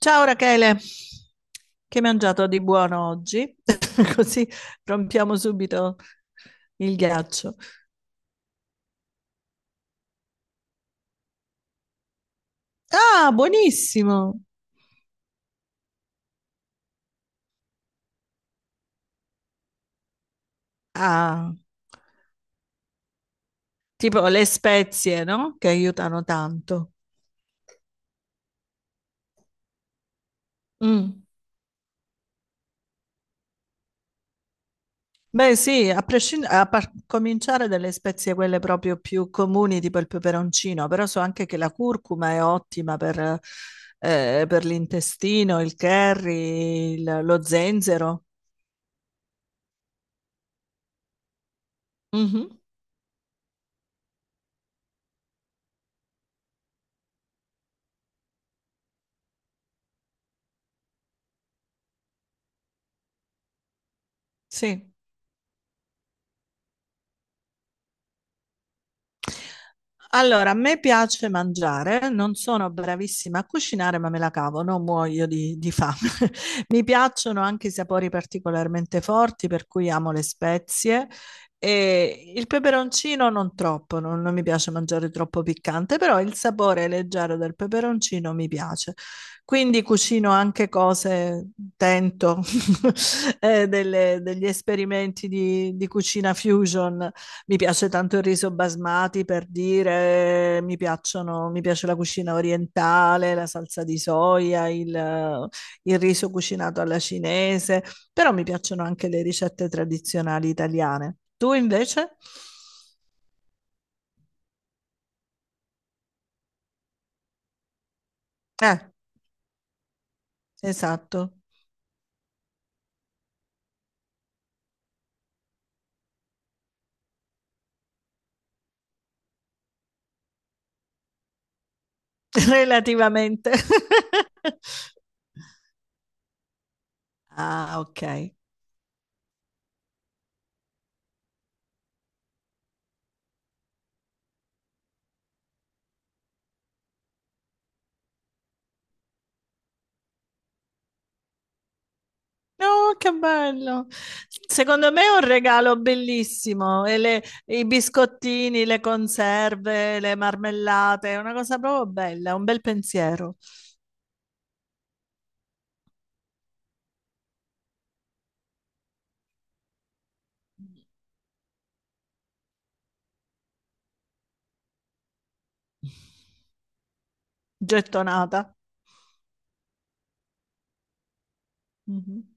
Ciao Rachele, che hai mangiato di buono oggi? Così rompiamo subito il ghiaccio. Ah, buonissimo! Ah, tipo le spezie, no? Che aiutano tanto. Mm. Beh, sì, a prescind- a par- cominciare dalle spezie quelle proprio più comuni, tipo il peperoncino, però so anche che la curcuma è ottima per l'intestino, il curry, lo zenzero. Mhm. Sì. Allora, a me piace mangiare, non sono bravissima a cucinare, ma me la cavo, non muoio di fame. Mi piacciono anche i sapori particolarmente forti, per cui amo le spezie. E il peperoncino non troppo, non mi piace mangiare troppo piccante, però il sapore leggero del peperoncino mi piace. Quindi cucino anche cose, tento degli esperimenti di cucina fusion. Mi piace tanto il riso basmati per dire, mi piace la cucina orientale, la salsa di soia, il riso cucinato alla cinese, però mi piacciono anche le ricette tradizionali italiane. Tu invece? Eh, esatto. Relativamente. Ah, ok. No, che bello! Secondo me è un regalo bellissimo. E i biscottini, le conserve, le marmellate, è una cosa proprio bella, un bel pensiero. Gettonata. Mhm.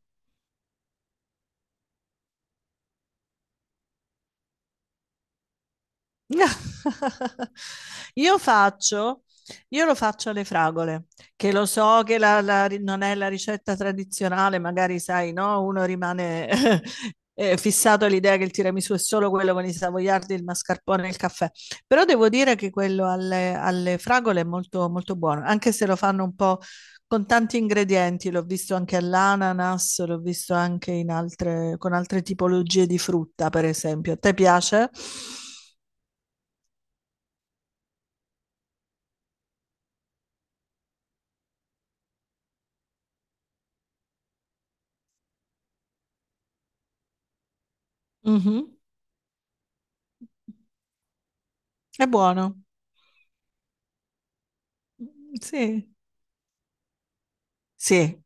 Io faccio, io lo faccio alle fragole, che lo so che non è la ricetta tradizionale, magari sai, no? Uno rimane fissato all'idea che il tiramisù è solo quello con i savoiardi, il mascarpone e il caffè. Però devo dire che quello alle fragole è molto, molto buono, anche se lo fanno un po' con tanti ingredienti, l'ho visto anche all'ananas, l'ho visto anche con altre tipologie di frutta, per esempio. A te piace? Mh-mh. È buono. Mhmm, sì, sì,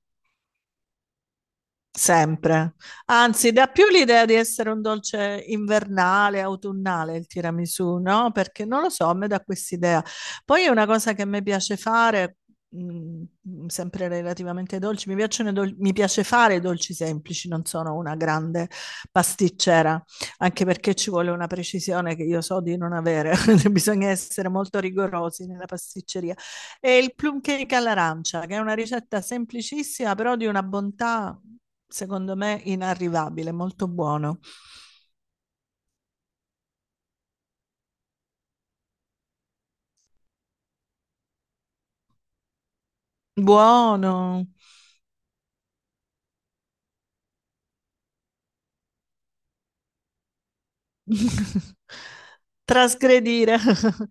sempre. Anzi, dà più l'idea di essere un dolce invernale, autunnale il tiramisù, no, perché non lo so, a me dà quest'idea. Poi è una cosa che a me piace fare, sempre relativamente ai dolci, mi piace fare i dolci semplici, non sono una grande pasticcera, anche perché ci vuole una precisione che io so di non avere, bisogna essere molto rigorosi nella pasticceria. E il plum cake all'arancia, che è una ricetta semplicissima, però di una bontà, secondo me, inarrivabile, molto buono. Buono. Trasgredire.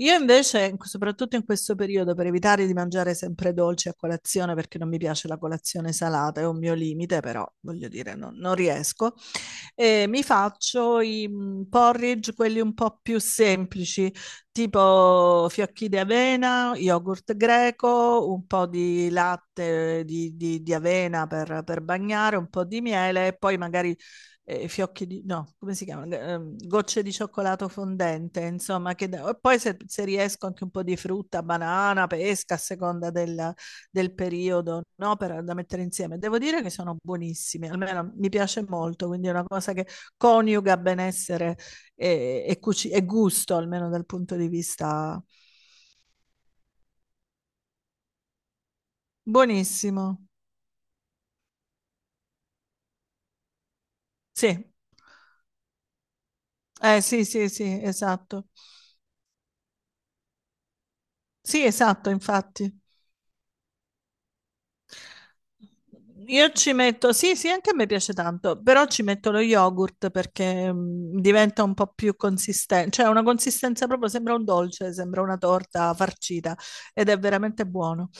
Io invece, soprattutto in questo periodo, per evitare di mangiare sempre dolci a colazione, perché non mi piace la colazione salata, è un mio limite, però voglio dire, non riesco. E mi faccio i porridge, quelli un po' più semplici, tipo fiocchi di avena, yogurt greco, un po' di latte di avena per bagnare, un po' di miele e poi magari fiocchi di, no, come si chiama? Gocce di cioccolato fondente, insomma, e poi se riesco anche un po' di frutta, banana, pesca, a seconda del periodo, no? Per, da mettere insieme. Devo dire che sono buonissimi, almeno mi piace molto, quindi è una cosa che coniuga benessere e gusto, almeno dal punto di vista buonissimo. Sì, sì, sì, sì, esatto. Sì, esatto, infatti. Io ci metto, sì, sì, anche a me piace tanto, però ci metto lo yogurt perché diventa un po' più consistente, cioè ha una consistenza proprio, sembra un dolce, sembra una torta farcita ed è veramente buono.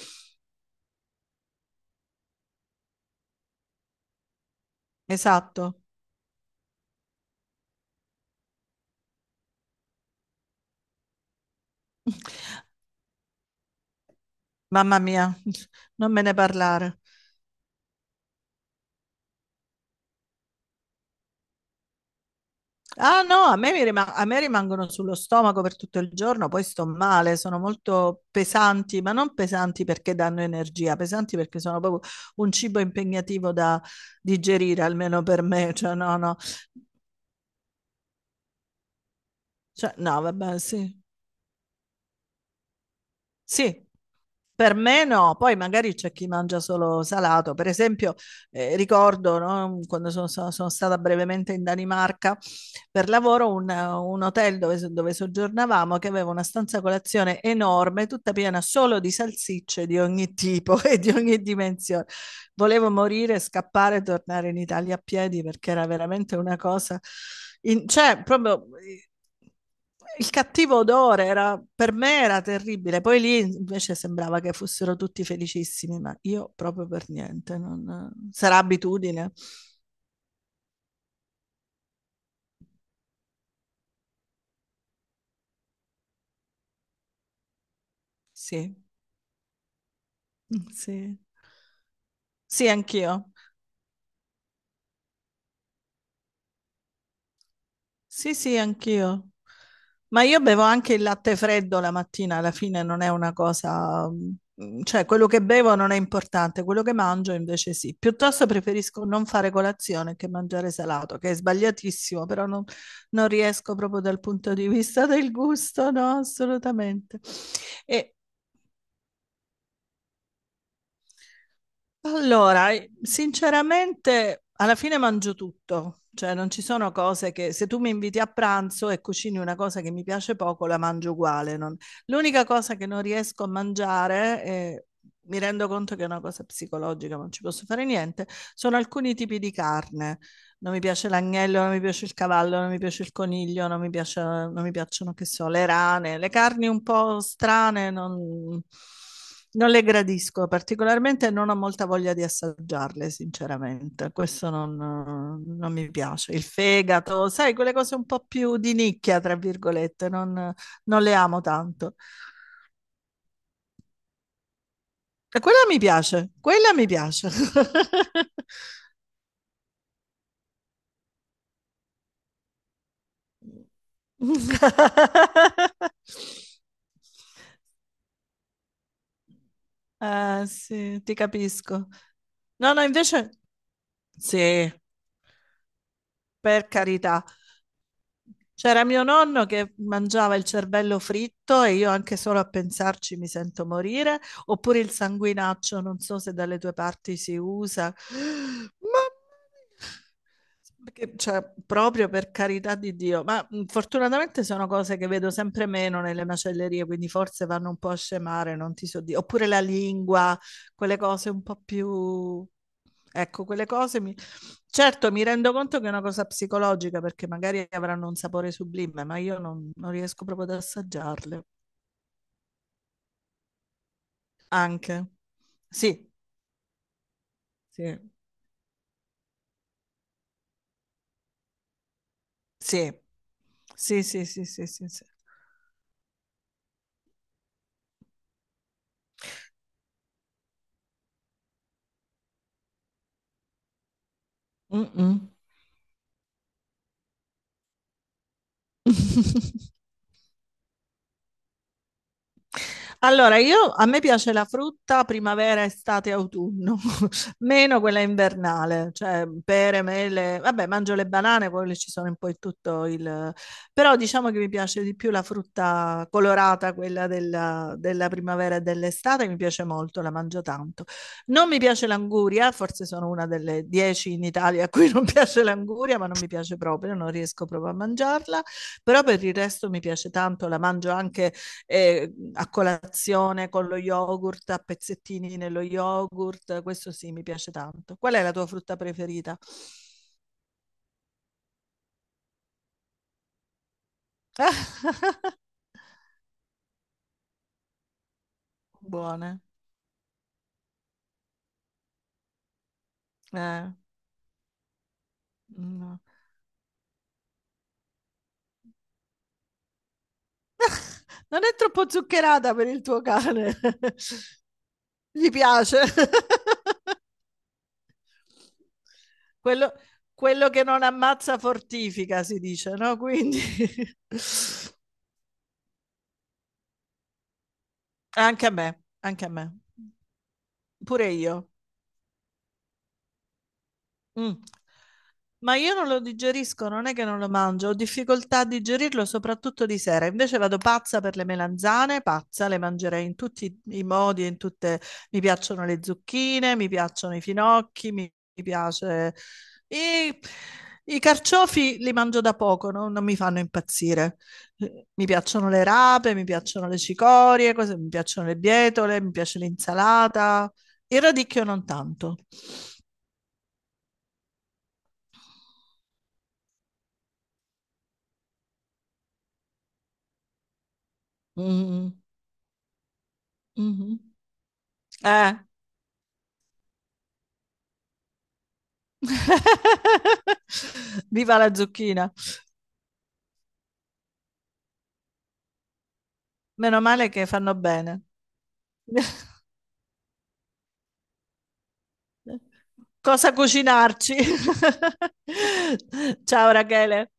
Esatto. Mamma mia, non me ne parlare. Ah no, a me, a me rimangono sullo stomaco per tutto il giorno, poi sto male, sono molto pesanti, ma non pesanti perché danno energia, pesanti perché sono proprio un cibo impegnativo da digerire, almeno per me, cioè no, no, cioè, no, vabbè, sì, sì, per me no, poi magari c'è chi mangia solo salato. Per esempio, ricordo, no, quando sono stata brevemente in Danimarca per lavoro, un hotel dove, dove soggiornavamo che aveva una stanza colazione enorme, tutta piena solo di salsicce di ogni tipo e di ogni dimensione, volevo morire, scappare e tornare in Italia a piedi perché era veramente una cosa... cioè, proprio il cattivo odore era, per me era terribile. Poi lì invece sembrava che fossero tutti felicissimi, ma io proprio per niente. Sarà abitudine. Sì, sì. Sì, anch'io. Sì, sì, anch'io. Ma io bevo anche il latte freddo la mattina, alla fine non è una cosa, cioè quello che bevo non è importante, quello che mangio invece sì. Piuttosto preferisco non fare colazione che mangiare salato, che è sbagliatissimo, però non riesco proprio dal punto di vista del gusto, no, assolutamente. E allora, sinceramente, alla fine mangio tutto, cioè non ci sono cose che se tu mi inviti a pranzo e cucini una cosa che mi piace poco, la mangio uguale. L'unica cosa che non riesco a mangiare, mi rendo conto che è una cosa psicologica, ma non ci posso fare niente, sono alcuni tipi di carne. Non mi piace l'agnello, non mi piace il cavallo, non mi piace il coniglio, non mi piacciono, che so, le rane, le carni un po' strane, non le gradisco particolarmente e non ho molta voglia di assaggiarle, sinceramente. Questo non mi piace. Il fegato, sai, quelle cose un po' più di nicchia, tra virgolette, non le amo tanto. E quella mi piace, quella mi piace. Sì, ti capisco. No, no, invece sì, per carità. C'era mio nonno che mangiava il cervello fritto e io anche solo a pensarci mi sento morire, oppure il sanguinaccio, non so se dalle tue parti si usa. Ma cioè, proprio per carità di Dio, fortunatamente sono cose che vedo sempre meno nelle macellerie, quindi forse vanno un po' a scemare, non ti so dire. Oppure la lingua, quelle cose un po' più... Ecco, quelle cose mi... Certo, mi rendo conto che è una cosa psicologica perché magari avranno un sapore sublime, ma io non riesco proprio ad assaggiarle. Anche. Sì, sì, sì, sì, sì, sì, sì, sì, sì. Mm-mm. Allora, a me piace la frutta primavera, estate, autunno, meno quella invernale, cioè pere, mele, vabbè, mangio le banane, poi ci sono un po' in tutto il... però diciamo che mi piace di più la frutta colorata, quella della primavera e dell'estate, mi piace molto, la mangio tanto. Non mi piace l'anguria, forse sono una delle 10 in Italia a cui non piace l'anguria, ma non mi piace proprio, non riesco proprio a mangiarla, però per il resto mi piace tanto, la mangio anche a colazione con lo yogurt, a pezzettini nello yogurt, questo sì, mi piace tanto. Qual è la tua frutta preferita? Buone. Eh, no. Non è troppo zuccherata per il tuo cane. Gli piace. Quello, quello che non ammazza fortifica, si dice, no? Quindi anche a me, anche a me. Pure io. Mm. Ma io non lo digerisco, non è che non lo mangio, ho difficoltà a digerirlo soprattutto di sera. Invece vado pazza per le melanzane, pazza, le mangerei in tutti i modi, in tutte... Mi piacciono le zucchine, mi piacciono i finocchi, mi piace... I... i carciofi li mangio da poco, no? Non mi fanno impazzire. Mi piacciono le rape, mi piacciono le cicorie, mi piacciono le bietole, mi piace l'insalata. Il radicchio non tanto. Mm. Mhm. Eh. Viva la zucchina. Meno male che fanno bene. Cosa cucinarci? Ciao Rachele.